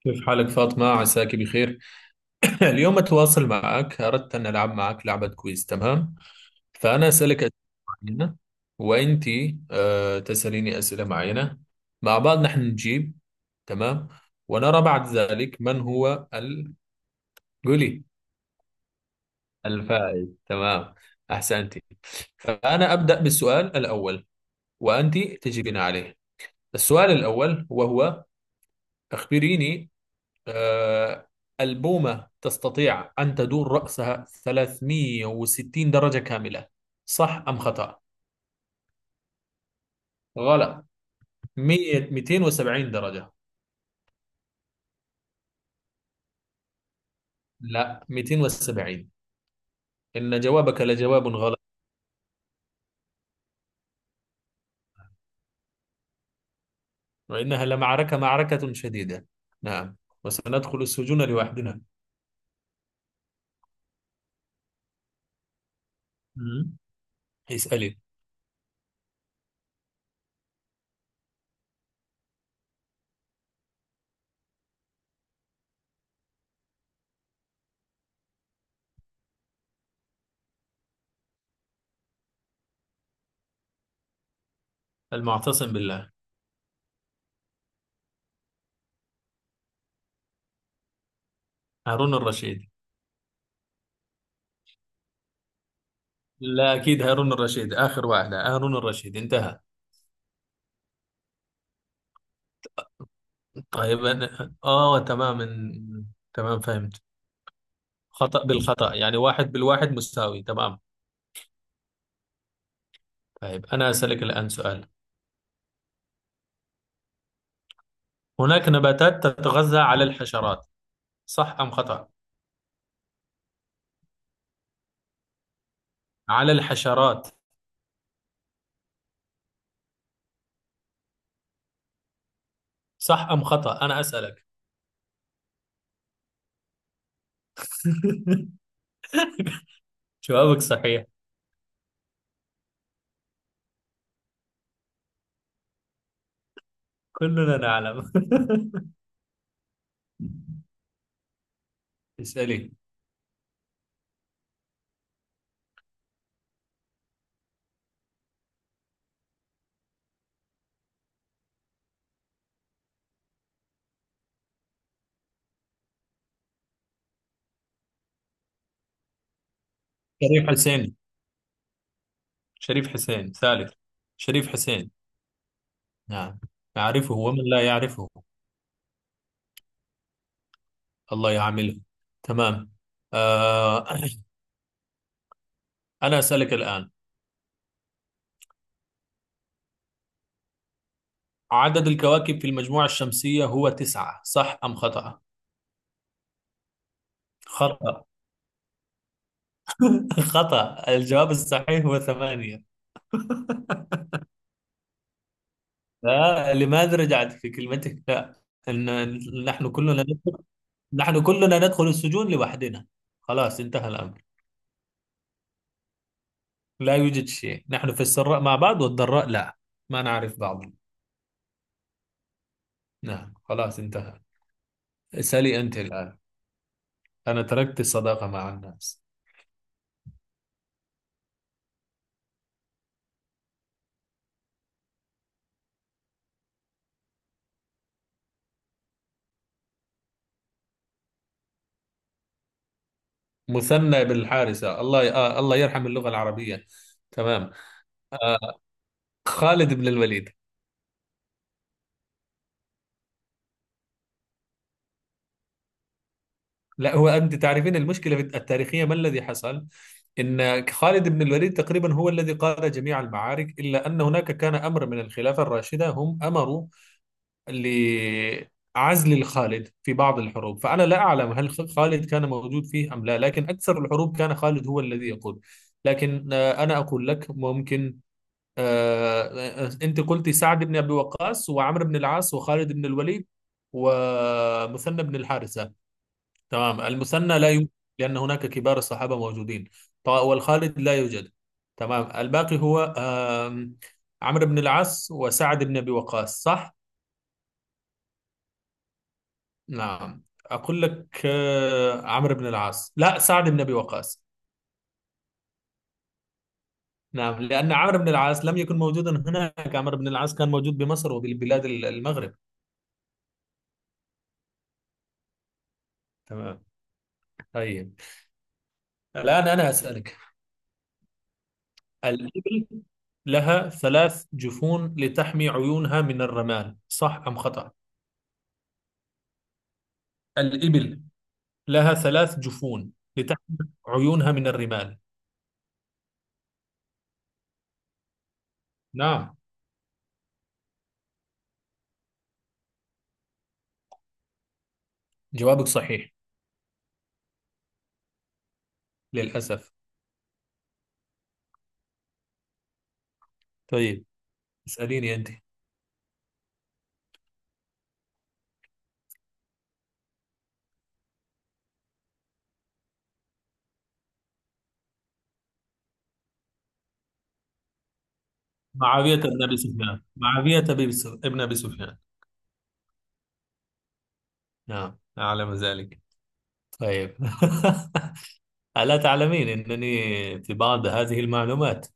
كيف حالك فاطمة عساك بخير. اليوم أتواصل معك، أردت أن ألعب معك لعبة كويز، تمام؟ فأنا أسألك أسئلة معينة، وأنت تسأليني أسئلة معينة، مع بعض نحن نجيب، تمام، ونرى بعد ذلك من هو قولي الفائز. تمام، أحسنتي. فأنا أبدأ بالسؤال الأول وأنت تجيبين عليه. السؤال الأول وهو أخبريني، آه، البومة تستطيع أن تدور رأسها 360 درجة كاملة، صح أم خطأ؟ غلط، 100 270 درجة. لا، 270. إن جوابك لجواب غلط، وإنها لمعركة معركة شديدة. نعم، وسندخل السجون لوحدنا. مم. اسألي. المعتصم بالله. هارون الرشيد. لا أكيد هارون الرشيد، آخر واحدة هارون الرشيد، انتهى. طيب، أنا آه تمام، تمام فهمت. خطأ بالخطأ يعني، واحد بالواحد، مساوي، تمام. طيب أنا أسألك الآن سؤال. هناك نباتات تتغذى على الحشرات، صح أم خطأ؟ على الحشرات. صح أم خطأ، أنا أسألك. جوابك صحيح. كلنا نعلم. اسألي. شريف حسين، شريف حسين ثالث. شريف حسين، نعم. يعرفه ومن لا يعرفه، الله يعامله. تمام، آه أنا أسألك الآن، عدد الكواكب في المجموعة الشمسية هو تسعة، صح أم خطأ؟ خطأ. خطأ، الجواب الصحيح هو ثمانية. لا، لماذا رجعت في كلمتك؟ لا، إن نحن كلنا ندخل نحن كلنا ندخل السجون لوحدنا، خلاص انتهى الأمر. لا يوجد شيء، نحن في السراء مع بعض والضراء لا، ما نعرف بعض. نعم، خلاص انتهى. اسألي أنت الآن، أنا تركت الصداقة مع الناس. مثنى بالحارثة، الله، آه الله يرحم اللغة العربية. تمام، آه، خالد بن الوليد. لا، هو أنت تعرفين المشكلة التاريخية، ما الذي حصل؟ إن خالد بن الوليد تقريبا هو الذي قاد جميع المعارك، إلا أن هناك كان أمر من الخلافة الراشدة، هم أمروا لعزل الخالد في بعض الحروب، فأنا لا أعلم هل خالد كان موجود فيه أم لا، لكن أكثر الحروب كان خالد هو الذي يقود. لكن أنا أقول لك ممكن، آه، أنت قلتي سعد بن أبي وقاص وعمرو بن العاص وخالد بن الوليد ومثنى بن الحارثة. تمام، المثنى لا يوجد، لأن هناك كبار الصحابة موجودين. والخالد لا يوجد. تمام، الباقي هو عمرو بن العاص وسعد بن أبي وقاص، صح؟ نعم، أقول لك، عمرو بن العاص لا، سعد بن أبي وقاص. نعم، لأن عمرو بن العاص لم يكن موجودا هناك، عمرو بن العاص كان موجود بمصر وبالبلاد المغرب. تمام. طيب، الآن أنا أسألك، الإبل لها ثلاث جفون لتحمي عيونها من الرمال، صح أم خطأ؟ الإبل لها ثلاث جفون لتحمل عيونها من الرمال. نعم، جوابك صحيح. للأسف. طيب، اسأليني أنت. معاوية بن أبي سفيان، معاوية بن ابن أبي سفيان. نعم، أعلم ذلك. طيب، ألا تعلمين أنني في بعض هذه المعلومات،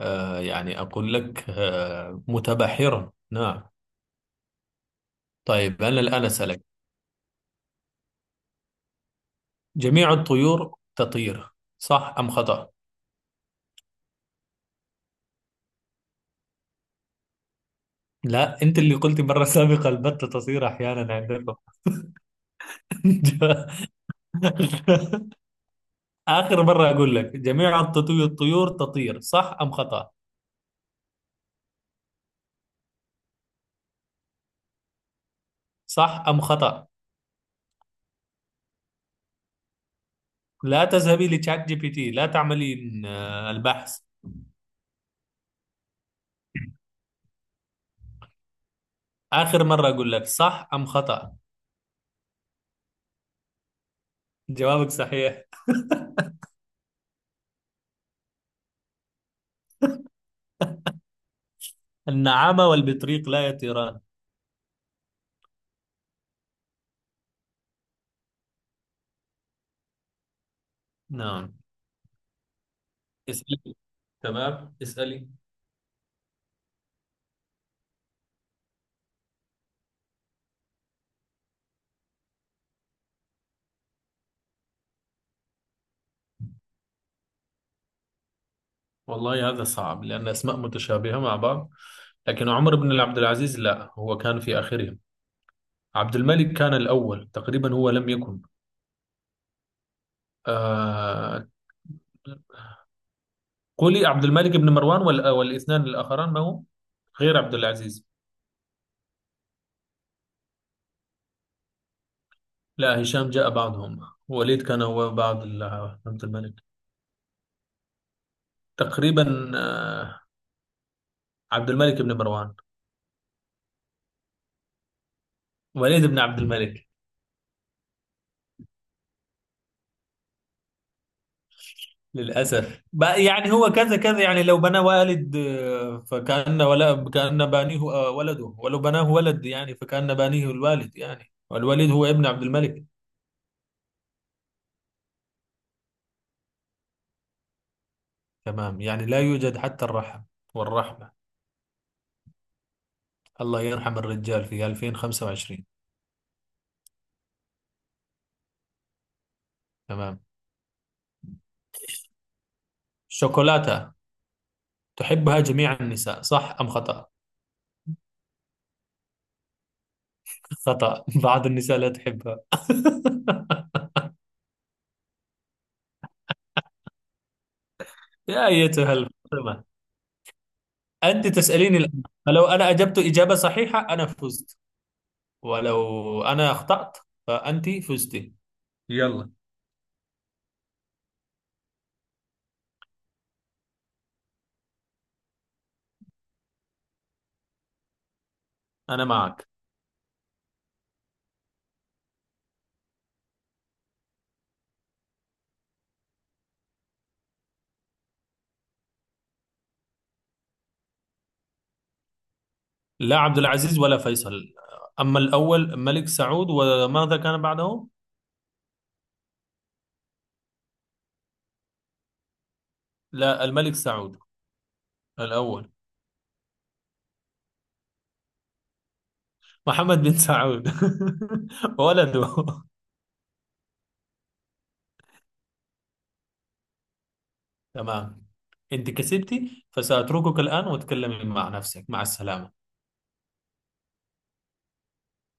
آه يعني أقول لك آه متبحرا، نعم. طيب أنا الآن أسألك، جميع الطيور تطير، صح أم خطأ؟ لا، أنت اللي قلت مرة سابقة البتة تطير أحيانا عندكم. آخر مرة أقول لك، جميع الطيور تطير، صح أم خطأ؟ صح أم خطأ؟ لا تذهبي لتشات جي بي تي، لا تعملين البحث. آخر مرة أقول لك، صح أم خطأ؟ جوابك صحيح، النعامة والبطريق لا يطيران. نعم، اسألي. تمام، اسألي. والله هذا صعب، لأن أسماء متشابهة مع بعض. لكن عمر بن عبد العزيز لا، هو كان في آخرهم. عبد الملك كان الأول تقريبا، هو لم يكن، آه قولي عبد الملك بن مروان والاثنان الآخران ما هو غير عبد العزيز. لا، هشام جاء بعدهم، وليد كان هو بعد عبد الملك تقريبا. عبد الملك بن مروان. وليد بن عبد الملك. للأسف بقى، يعني هو كذا كذا، يعني لو بنى والد، فكأن ولا كأن بانيه، ولده، ولو بناه ولد يعني فكأن بانيه الوالد، يعني والوليد هو ابن عبد الملك. تمام، يعني لا يوجد حتى الرحم والرحمة، الله يرحم الرجال في 2025. تمام، شوكولاتة تحبها جميع النساء، صح أم خطأ؟ خطأ، بعض النساء لا تحبها. يا أيتها الفاطمة، أنت تسأليني الآن، فلو أنا أجبت إجابة صحيحة أنا فزت، ولو أنا أخطأت فأنت فزتي. يلا، أنا معك. لا عبد العزيز ولا فيصل، أما الأول ملك سعود، وماذا كان بعده؟ لا، الملك سعود الأول. محمد بن سعود، ولده. تمام، أنت كسبتي، فسأتركك الآن وتكلمي مع نفسك، مع السلامة.